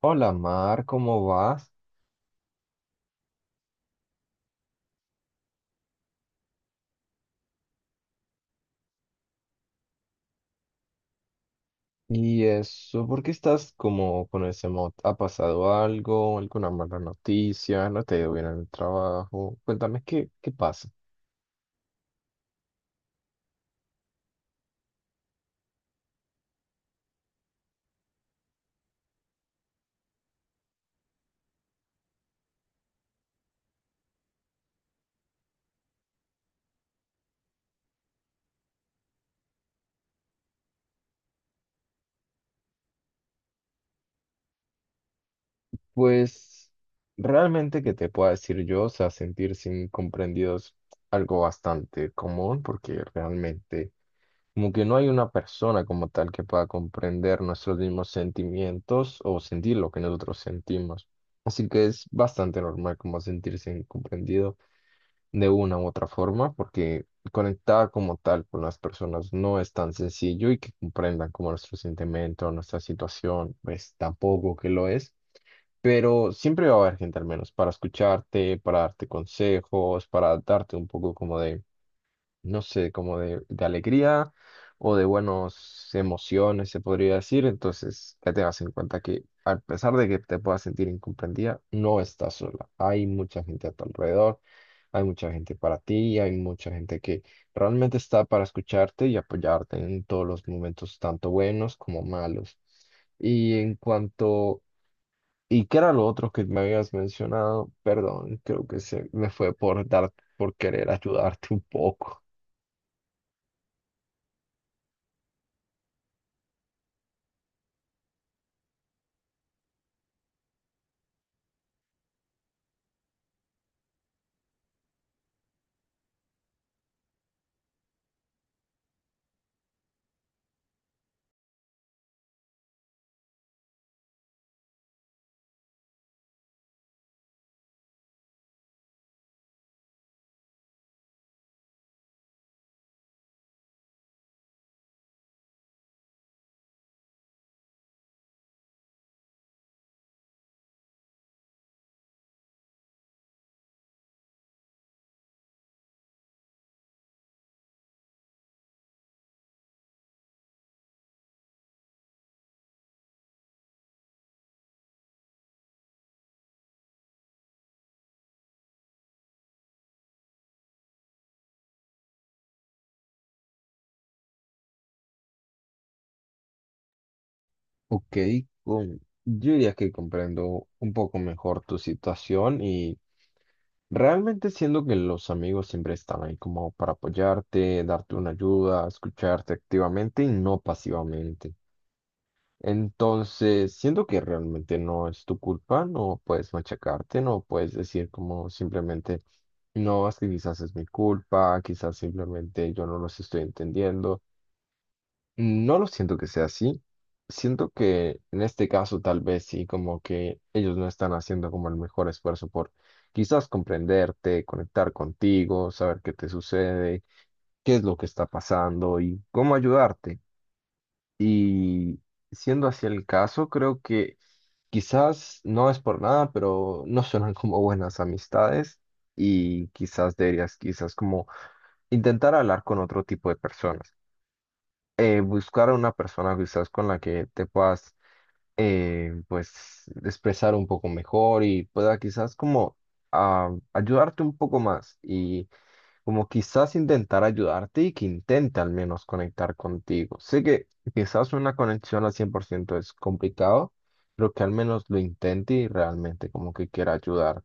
Hola Mar, ¿cómo vas? ¿Y eso? ¿Por qué estás como con ese mod? ¿Ha pasado algo? ¿Alguna mala noticia? ¿No te ha ido bien en el trabajo? Cuéntame, ¿qué pasa? Pues realmente que te pueda decir yo, o sea, sentirse incomprendido es algo bastante común porque realmente como que no hay una persona como tal que pueda comprender nuestros mismos sentimientos o sentir lo que nosotros sentimos. Así que es bastante normal como sentirse incomprendido, de una u otra forma, porque conectar como tal con las personas no es tan sencillo y que comprendan como nuestro sentimiento, nuestra situación, pues tampoco que lo es. Pero siempre va a haber gente al menos para escucharte, para darte consejos, para darte un poco como de no sé, como de alegría o de buenas emociones, se podría decir. Entonces, ya tengas en cuenta que a pesar de que te puedas sentir incomprendida, no estás sola. Hay mucha gente a tu alrededor, hay mucha gente para ti, hay mucha gente que realmente está para escucharte y apoyarte en todos los momentos, tanto buenos como malos. Y en cuanto. ¿Y qué era lo otro que me habías mencionado? Perdón, creo que se me fue por dar, por querer ayudarte un poco. Ok, yo diría que comprendo un poco mejor tu situación y realmente siendo que los amigos siempre están ahí como para apoyarte, darte una ayuda, escucharte activamente y no pasivamente. Entonces, siento que realmente no es tu culpa, no puedes machacarte, no puedes decir como simplemente, no, es que quizás es mi culpa, quizás simplemente yo no los estoy entendiendo. No lo siento que sea así. Siento que en este caso tal vez sí, como que ellos no están haciendo como el mejor esfuerzo por quizás comprenderte, conectar contigo, saber qué te sucede, qué es lo que está pasando y cómo ayudarte. Y siendo así el caso, creo que quizás no es por nada, pero no suenan como buenas amistades y quizás deberías quizás como intentar hablar con otro tipo de personas, buscar a una persona quizás con la que te puedas, pues expresar un poco mejor y pueda quizás como, ayudarte un poco más y como quizás intentar ayudarte y que intente al menos conectar contigo. Sé que quizás una conexión al 100% es complicado, pero que al menos lo intente y realmente como que quiera ayudar.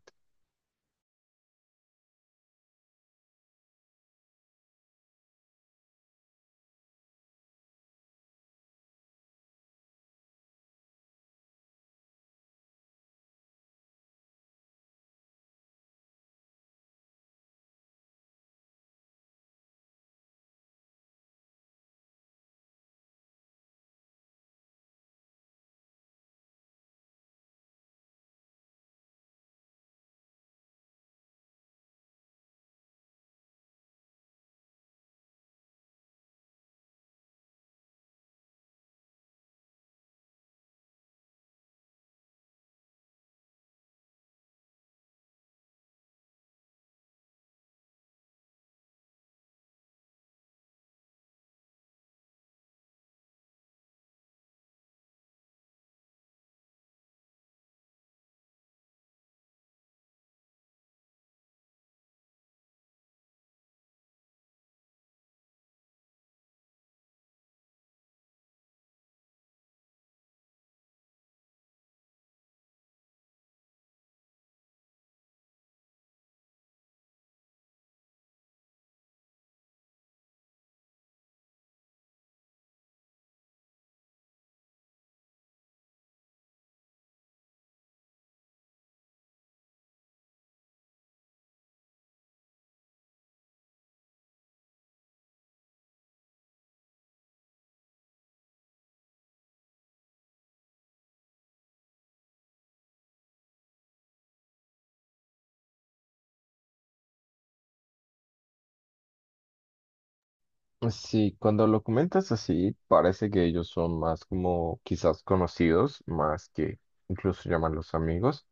Sí, cuando lo comentas así, parece que ellos son más como quizás conocidos, más que incluso llaman los amigos,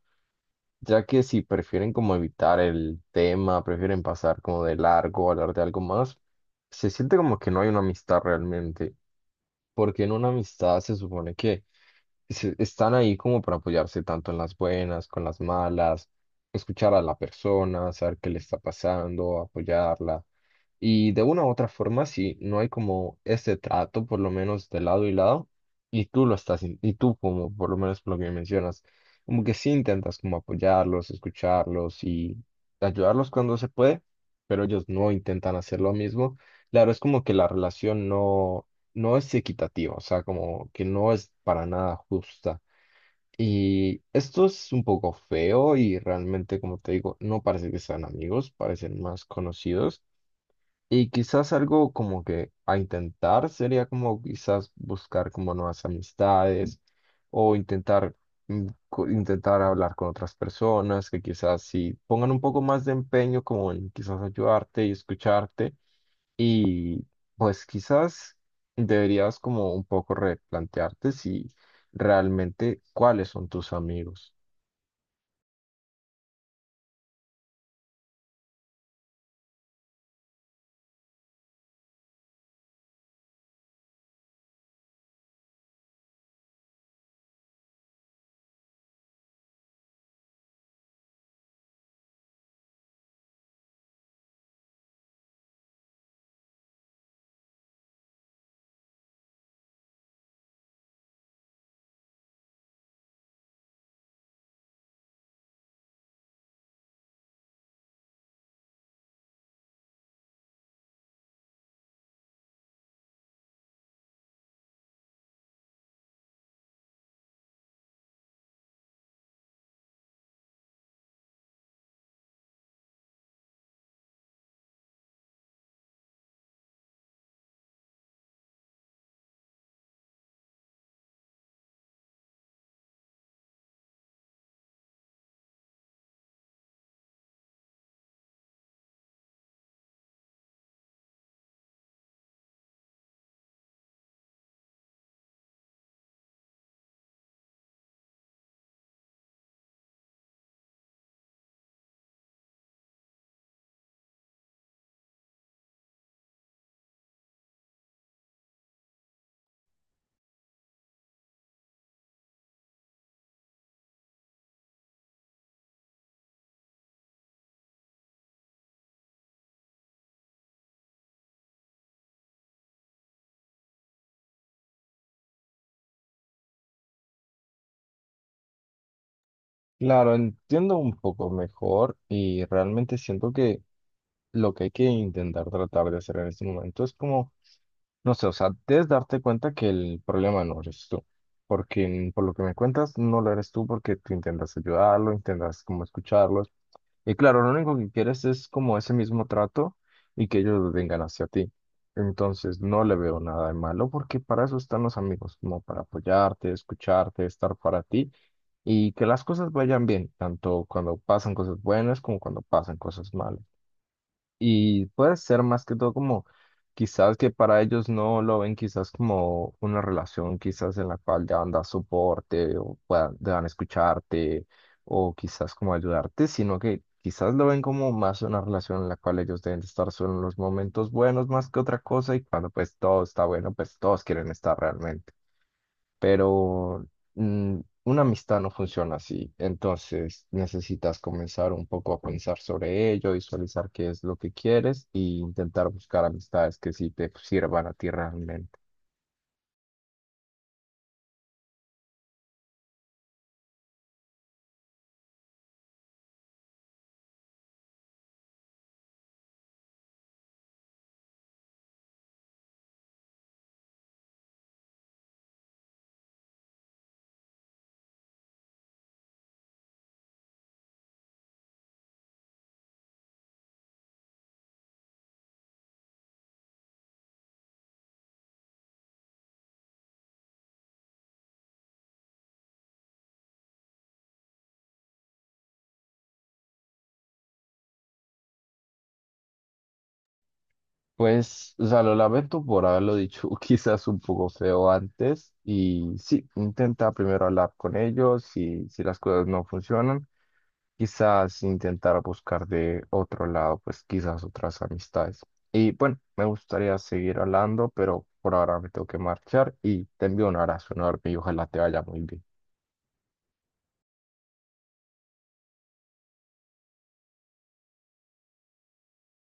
ya que si prefieren como evitar el tema, prefieren pasar como de largo, hablar de algo más, se siente como que no hay una amistad realmente, porque en una amistad se supone que están ahí como para apoyarse tanto en las buenas, con las malas, escuchar a la persona, saber qué le está pasando, apoyarla. Y de una u otra forma, si no hay como ese trato, por lo menos de lado y lado, y tú lo estás, y tú como, por lo menos por lo que mencionas, como que sí intentas como apoyarlos, escucharlos y ayudarlos cuando se puede, pero ellos no intentan hacer lo mismo. Claro, es como que la relación no es equitativa, o sea, como que no es para nada justa. Y esto es un poco feo y realmente, como te digo, no parece que sean amigos, parecen más conocidos. Y quizás algo como que a intentar sería como quizás buscar como nuevas amistades o intentar, intentar hablar con otras personas que quizás sí pongan un poco más de empeño como en quizás ayudarte y escucharte. Y pues quizás deberías como un poco replantearte si realmente cuáles son tus amigos. Claro, entiendo un poco mejor y realmente siento que lo que hay que intentar tratar de hacer en este momento es como, no sé, o sea, debes darte cuenta que el problema no eres tú, porque por lo que me cuentas no lo eres tú porque tú intentas ayudarlo, intentas como escucharlos. Y claro, lo único que quieres es como ese mismo trato y que ellos vengan hacia ti. Entonces no le veo nada de malo porque para eso están los amigos, como para apoyarte, escucharte, estar para ti y que las cosas vayan bien, tanto cuando pasan cosas buenas como cuando pasan cosas malas. Y puede ser más que todo como quizás que para ellos no lo ven quizás como una relación quizás en la cual deban dar soporte o puedan, deban escucharte o quizás como ayudarte, sino que quizás lo ven como más una relación en la cual ellos deben de estar solo en los momentos buenos más que otra cosa y cuando pues todo está bueno, pues todos quieren estar realmente. Pero mm, una amistad no funciona así, entonces necesitas comenzar un poco a pensar sobre ello, visualizar qué es lo que quieres e intentar buscar amistades que sí te sirvan a ti realmente. Pues, o sea, lo lamento por haberlo dicho quizás un poco feo antes y sí, intenta primero hablar con ellos y si las cosas no funcionan, quizás intentar buscar de otro lado, pues quizás otras amistades. Y bueno, me gustaría seguir hablando, pero por ahora me tengo que marchar y te envío un abrazo enorme y ojalá te vaya muy bien.